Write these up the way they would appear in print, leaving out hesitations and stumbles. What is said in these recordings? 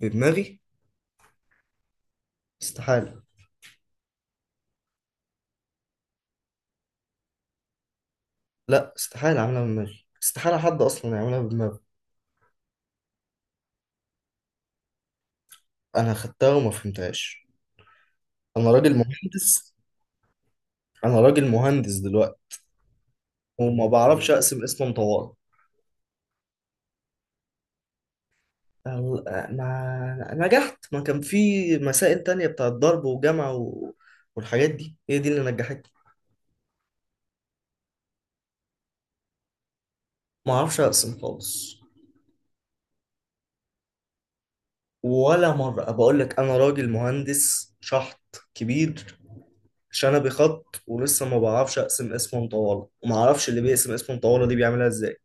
بدماغي استحالة. لا، استحالة أعملها بدماغي، استحالة حد أصلا يعملها بدماغه. أنا خدتها وما فهمتهاش، أنا راجل مهندس، أنا راجل مهندس دلوقتي وما بعرفش أقسم اسم طوارئ. أو- ما نجحت، ما كان في مسائل تانية بتاعت ضرب وجمع والحاجات دي هي دي اللي نجحتني. ما أعرفش أقسم خالص ولا مرة، بقول لك أنا راجل مهندس شحط كبير، شنبي خط ولسه ما بعرفش اقسم اسم مطوله، وما اعرفش اللي بيقسم اسم مطوله دي بيعملها ازاي.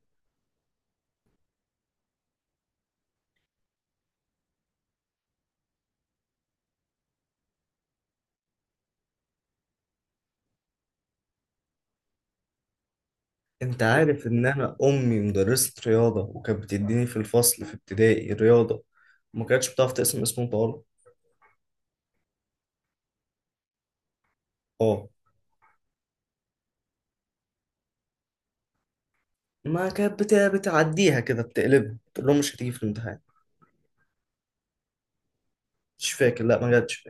انت عارف ان انا امي مدرسه رياضه وكانت بتديني في الفصل في ابتدائي رياضه، ما كانتش بتعرف تقسم اسم مطوله. اه، ما كانت بت- بتعديها كده، بتقلبها تقول لهم مش هتيجي في الامتحان. مش فاكر، لا ما جاتش.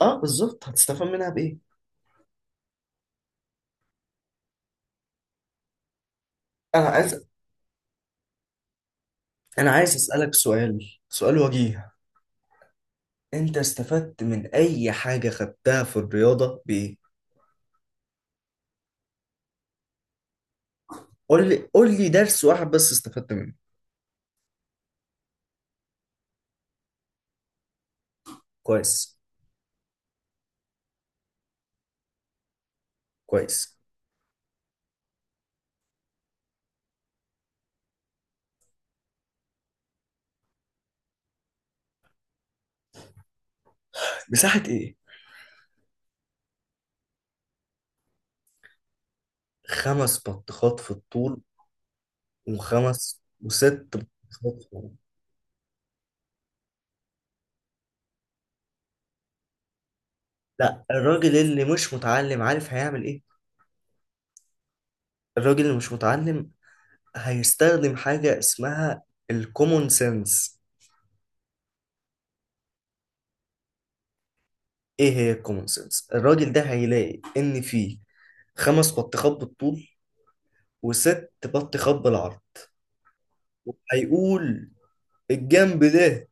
اه بالظبط، هتستفاد منها بايه؟ انا عايز انا عايز اسالك سؤال، سؤال وجيه. انت استفدت من اي حاجه خدتها في الرياضه بايه؟ قول لي درس واحد بس استفدت منه. كويس، كويس. مساحة ايه؟ خمس بطيخات في الطول، وخمس وست بطيخات في العرض. لا، الراجل اللي مش متعلم عارف هيعمل ايه؟ الراجل اللي مش متعلم هيستخدم حاجة اسمها الكومون سنس. ايه هي الكومون سنس؟ الراجل ده هيلاقي ان في خمس بطيخات بالطول وست بطيخات بالعرض، هيقول الجنب ده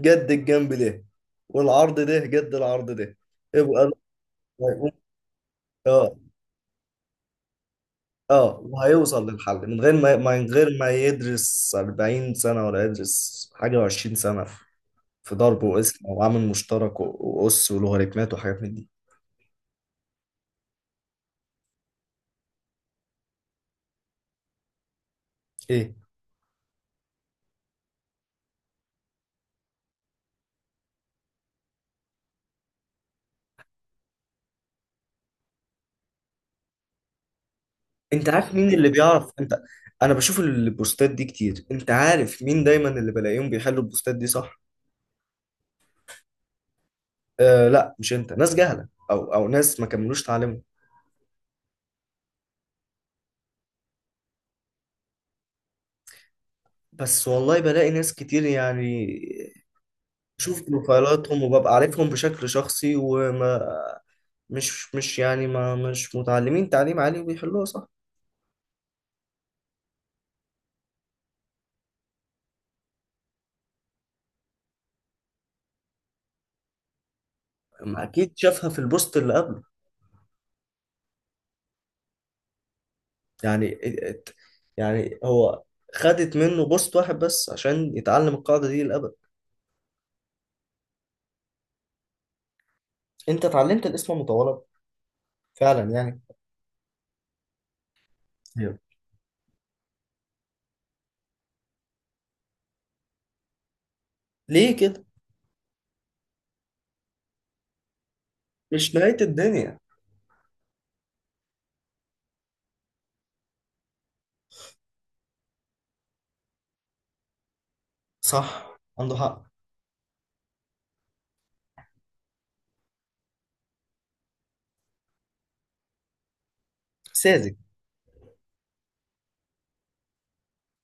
جد الجنب ده، والعرض ده جد العرض ده، يبقى الأمر هيقوم. اه، اه، وهيوصل للحل من غير ما من غير ما يدرس 40 سنة، ولا يدرس حاجة و20 سنة في ضرب وقسم وعامل مشترك وأس ولوغاريتمات وحاجات من دي. ايه؟ انت عارف مين اللي بيعرف؟ انت، انا بشوف البوستات دي كتير، انت عارف مين دايما اللي بلاقيهم بيحلوا البوستات دي صح؟ آه لا مش انت، ناس جهلة او ناس ما كملوش تعليمهم. بس والله بلاقي ناس كتير يعني، بشوف بروفايلاتهم وببقى عارفهم بشكل شخصي، وما مش يعني ما مش متعلمين تعليم عالي وبيحلوها صح. ما اكيد شافها في البوست اللي قبله يعني. ات- يعني هو خدت منه بوست واحد بس عشان يتعلم القاعدة دي للأبد. انت اتعلمت الاسم المتطلب فعلا يعني. أيوة. ليه كده؟ مش نهاية الدنيا. صح، عنده حق. ساذج.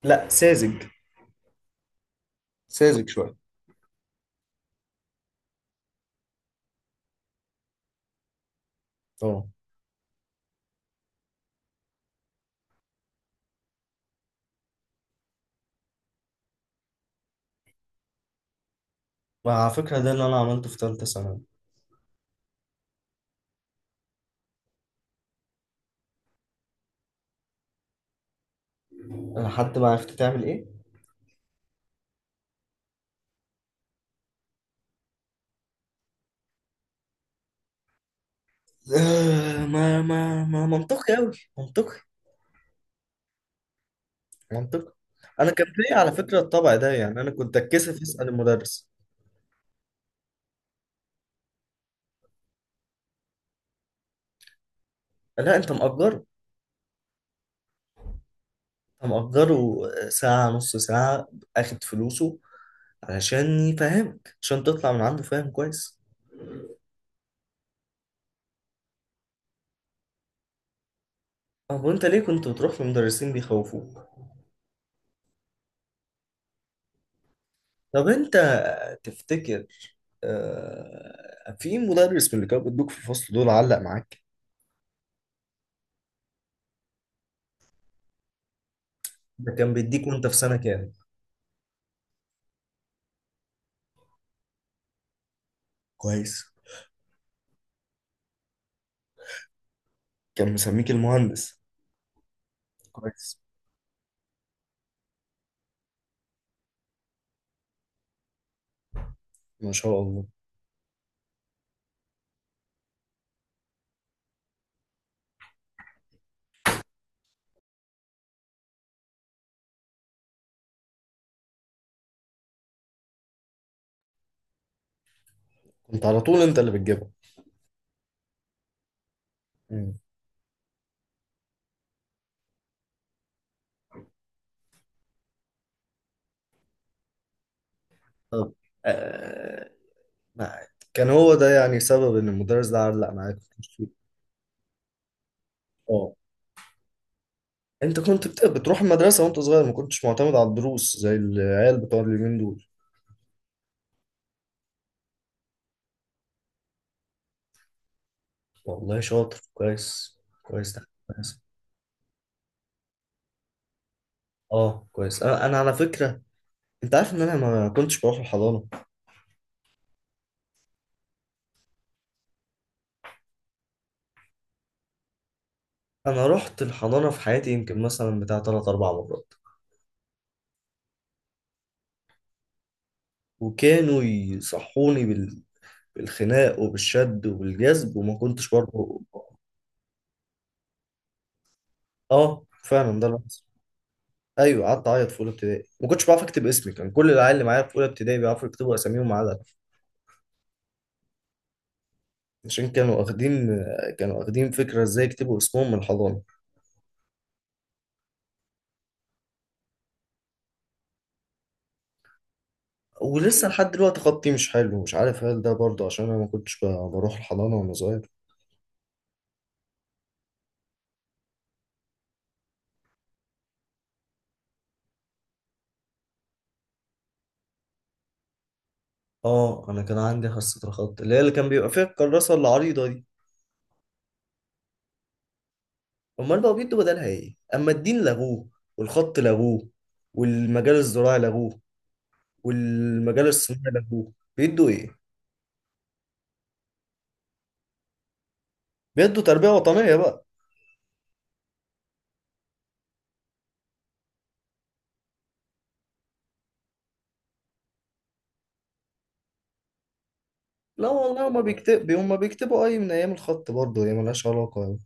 لا ساذج. ساذج شويه. اه. وعلى فكرة ده اللي أنا عملته في تالتة ثانوي. أنا حتى ما عرفت تعمل إيه. آه، ما منطقي أوي. منطقي. منطقي. أنا كان فيا على فكرة الطبع ده، يعني أنا كنت أتكسف أسأل المدرس. لا أنت مأجره. أنت مأجره ساعة، نص ساعة. أخد فلوسه علشان يفهمك، عشان تطلع من عنده فاهم كويس. طب وأنت ليه كنت بتروح لمدرسين بيخوفوك؟ طب أنت تفتكر، آه، في مدرس من اللي كانوا بيدوك في الفصل دول علق معاك؟ ده كان بيديك وأنت في سنة كام؟ كويس. كان مسميك المهندس. كويس. ما شاء الله. كنت على طول انت اللي بتجيبها. مم. طب، آه، ما كان هو ده يعني سبب ان المدرس ده علق معاك في التشكيل. اه، انت بتروح المدرسة وانت صغير، ما كنتش معتمد على الدروس زي العيال بتوع اليومين دول. والله شاطر، كويس، كويس، ده كويس. اه كويس. انا على فكرة، انت عارف ان انا ما كنتش بروح الحضانة؟ انا رحت الحضانة في حياتي يمكن مثلا بتاع تلات اربع مرات، وكانوا يصحوني بالخناق وبالشد وبالجذب وما كنتش برضه. اه فعلا ده اللي حصل. ايوه قعدت اعيط في اولى ابتدائي، ما كنتش بعرف اكتب اسمي، كان كل العيال اللي معايا في اولى ابتدائي بيعرفوا يكتبوا اساميهم ما عدا أنا. عشان كانوا واخدين فكره ازاي يكتبوا اسمهم من الحضانه. ولسه لحد دلوقتي خطي مش حلو، مش عارف هل ده برضه عشان انا ما كنتش بروح الحضانه وانا صغير. اه انا كان عندي حصه الخط اللي هي اللي كان بيبقى فيها الكراسه العريضه دي. امال بقى بيدوا بدلها ايه؟ اما الدين لغوه، والخط لغوه، والمجال الزراعي لغوه، والمجال الصناعي لغوه، بيدوا ايه؟ بيدوا تربية وطنية بقى. لا والله هما بيكتب، هما بيكتبوا أي من أيام الخط برضه، هي ملهاش علاقة يعني.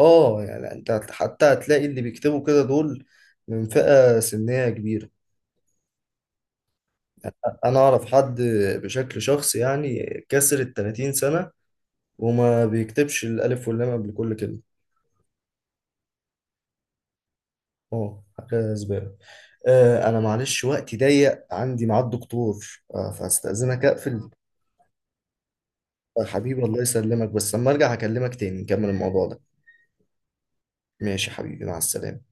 اه يعني أنت حتى هتلاقي اللي بيكتبوا كده دول من فئة سنية كبيرة. أنا أعرف حد بشكل شخصي يعني كسر التلاتين سنة وما بيكتبش الألف واللام قبل كل كلمة. اه حاجة زبالة. آه أنا معلش وقتي ضيق، عندي ميعاد دكتور، آه فهستأذنك أقفل. آه حبيبي الله يسلمك، بس لما أرجع هكلمك تاني نكمل الموضوع ده. ماشي يا حبيبي، مع السلامة.